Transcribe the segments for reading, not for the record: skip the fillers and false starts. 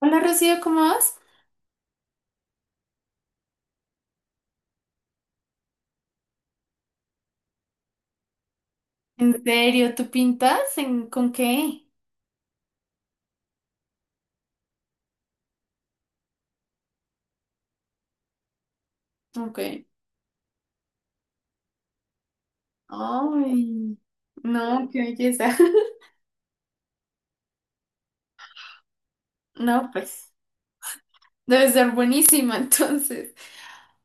Hola Rocío, ¿cómo vas? ¿En serio? ¿Tú pintas? ¿En, con qué? Ok. Ay, no, qué belleza. No, pues, debe ser buenísima entonces.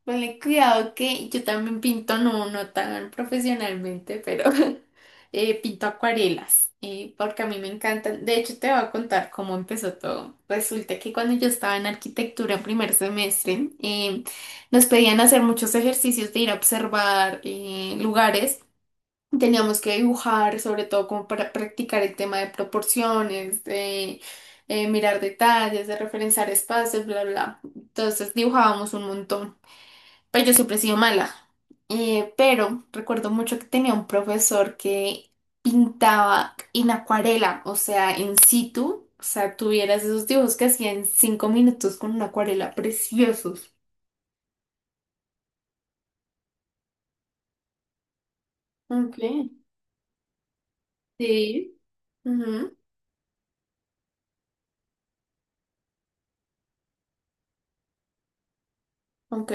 Ponle cuidado que yo también pinto, no, no tan profesionalmente, pero pinto acuarelas, porque a mí me encantan. De hecho, te voy a contar cómo empezó todo. Resulta que cuando yo estaba en arquitectura en primer semestre, nos pedían hacer muchos ejercicios de ir a observar lugares. Teníamos que dibujar, sobre todo como para practicar el tema de proporciones, de mirar detalles, de referenciar espacios, bla, bla. Entonces dibujábamos un montón. Pero yo siempre he sido mala. Pero recuerdo mucho que tenía un profesor que pintaba en acuarela, o sea, en situ. O sea, tuvieras esos dibujos que hacía en 5 minutos con una acuarela, preciosos. Ok. Sí. Ujú. Ok.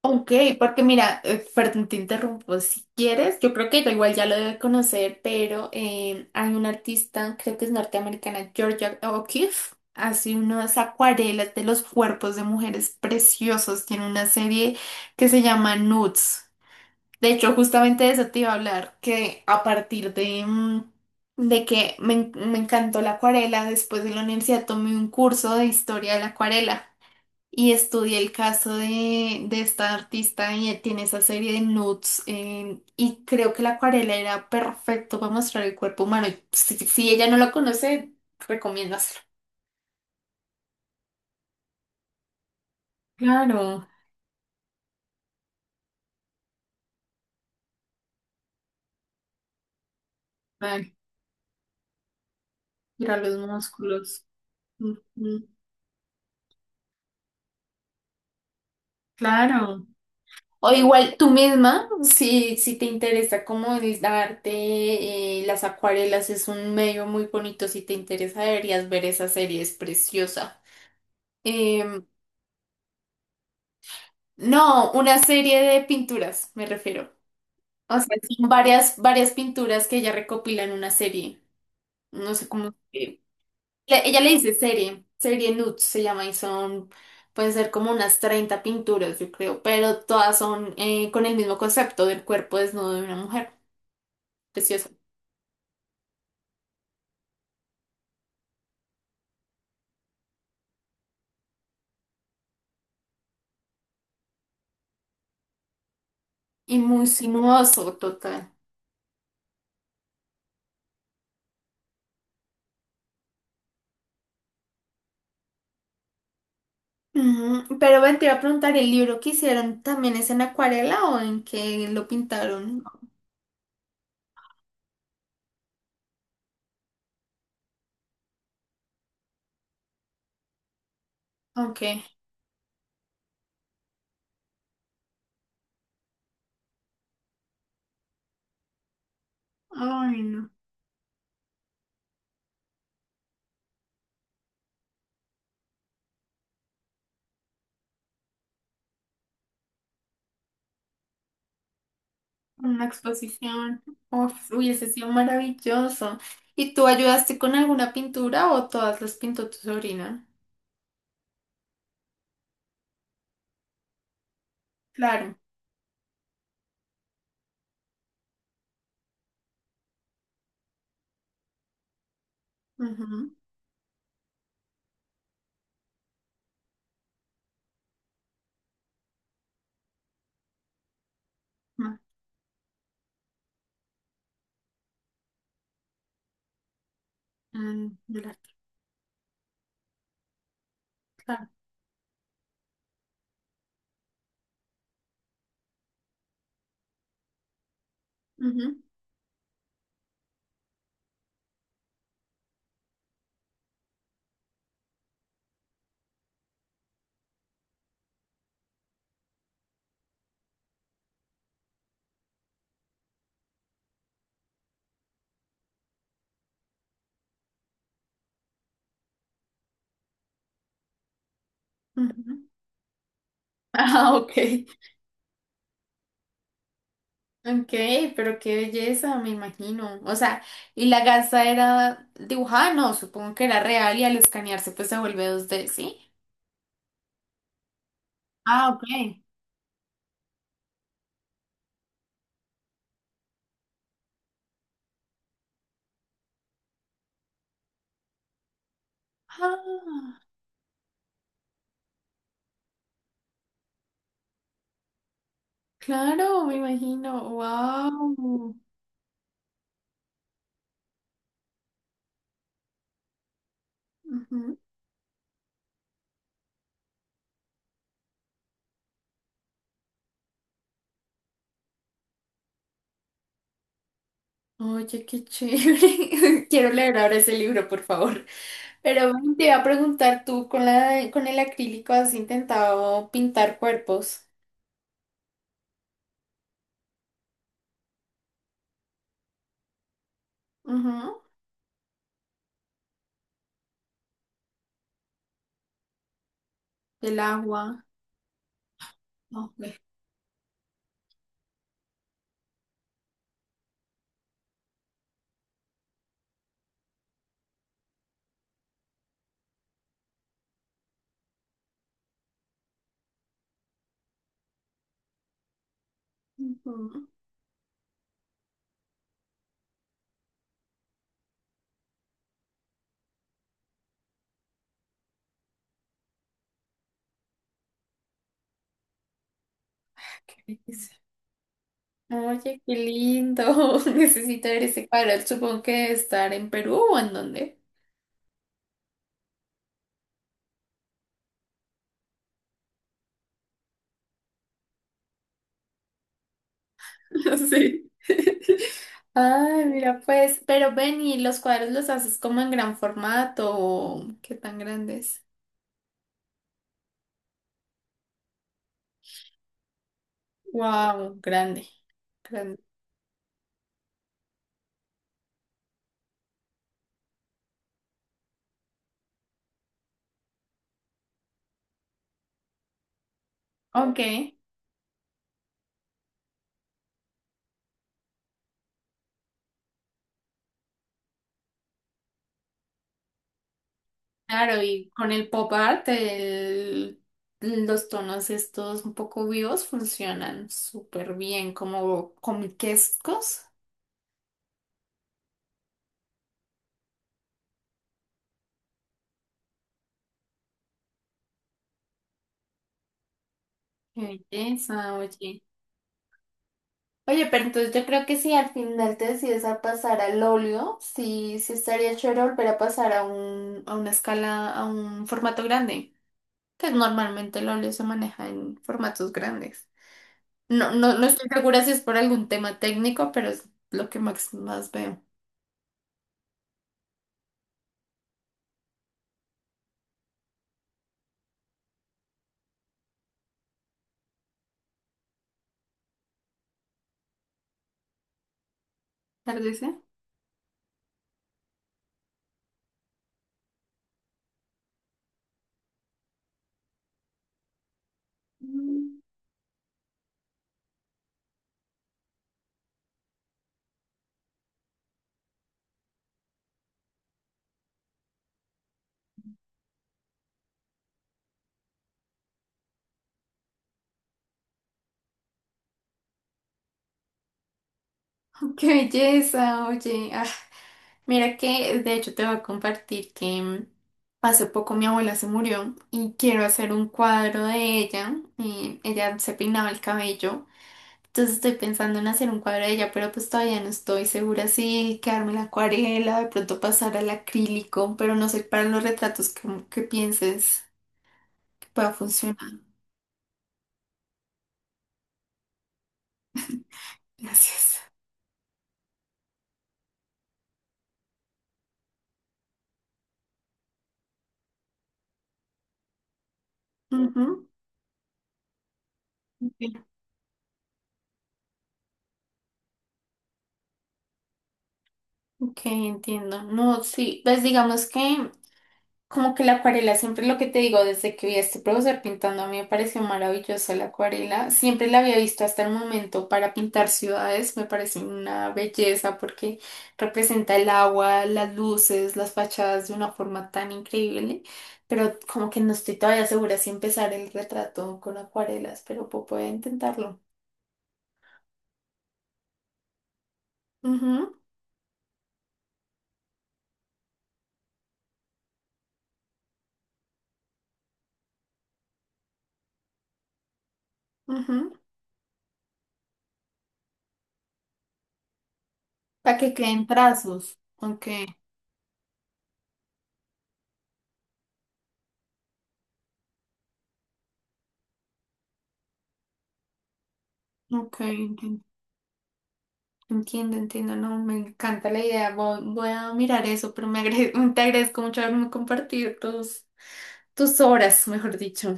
Ok, porque mira, perdón, te interrumpo. Si quieres, yo creo que yo igual ya lo debe conocer, pero hay una artista, creo que es norteamericana, Georgia O'Keeffe, hace unas acuarelas de los cuerpos de mujeres preciosos. Tiene una serie que se llama Nudes. De hecho, justamente de eso te iba a hablar, que a partir de, de que me encantó la acuarela, después de la universidad tomé un curso de historia de la acuarela. Y estudié el caso de esta artista y él tiene esa serie de nudes y creo que la acuarela era perfecto para mostrar el cuerpo humano. Y si, si ella no lo conoce, recomiendo hacerlo. Claro, ay, mira los músculos. Ujú. Claro. O igual tú misma, si, si te interesa como el arte, las acuarelas es un medio muy bonito, si te interesa deberías ver esa serie, es preciosa. Em, No, una serie de pinturas, me refiero. O sea, son varias, varias pinturas que ella recopila en una serie. No sé cómo. Ella le dice serie, serie Nudes se llama y son, pueden ser como unas 30 pinturas, yo creo, pero todas son con el mismo concepto del cuerpo desnudo de una mujer. Precioso. Y muy sinuoso, total. Ujú. Pero ven, te iba a preguntar, ¿el libro que hicieron también es en acuarela o en qué lo pintaron? Ok. Ay, no. Una exposición. Uf, hubiese sido maravilloso. ¿Y tú ayudaste con alguna pintura o todas las pintó tu sobrina? Claro. Ujú. Ma- mm, de la- Claro. Ujú, ujú. Ah, ok. Ok, pero qué belleza, me imagino. O sea, ¿y la gasa era dibujada? No, supongo que era real y al escanearse pues se vuelve dos d, ¿sí? Ah, ok. Ah, claro, me imagino. Wow. Oye, qué chévere. Quiero leer ahora ese libro, por favor. Pero bueno, te iba a preguntar, ¿tú con con el acrílico has intentado pintar cuerpos? Ujú. El agua. No, pues. Ujú. ¿Qué es? Oye, qué lindo. Necesito ver ese cuadro. Supongo que debe estar en Perú o en dónde. Sí. Ay, mira, pues, pero ven y los cuadros los haces como en gran formato, o ¿qué tan grandes? Wow, grande. Prende- Ok, claro, y con el pop art, el- los tonos estos un poco vivos funcionan súper bien, como comiquescos. Qué belleza, oye. Oye, pero entonces yo creo que si al final te decides a pasar al óleo, sí, sí estaría chévere volver a pasar a un, a una escala, a un formato grande, que normalmente el óleo se maneja en formatos grandes. No, no, no estoy segura si es por algún tema técnico, pero es lo que más veo. Atardece. Mm, Qué belleza, oye. Ah, mira que, de hecho, te voy a compartir que hace poco mi abuela se murió y quiero hacer un cuadro de ella. Y ella se peinaba el cabello. Entonces estoy pensando en hacer un cuadro de ella, pero pues todavía no estoy segura si quedarme la acuarela, de pronto pasar al acrílico, pero no sé para los retratos como que pienses que pueda funcionar. Gracias. Ujú. Ok, entiendo. No, sí, pues digamos que como que la acuarela, siempre lo que te digo, desde que vi a este profesor pintando, a mí me pareció maravillosa la acuarela. Siempre la había visto hasta el momento para pintar ciudades, me parece una belleza porque representa el agua, las luces, las fachadas de una forma tan increíble. Pero como que no estoy todavía segura si empezar el retrato con acuarelas, pero puedo poder intentarlo. Ujú, ujú. Para que queden trazos. Ok, ok, entiendo, entiendo, no, me encanta la idea, voy, voy a mirar eso, pero te agradezco mucho haberme compartido tus, tus obras, mejor dicho.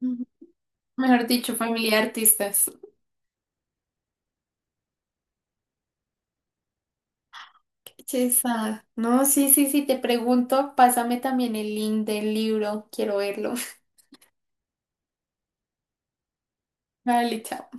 Ujú. Mejor dicho, familia de artistas. Chesa. No, sí, sí, sí, te pregunto, pásame también el link del libro, quiero verlo. Vale, chao.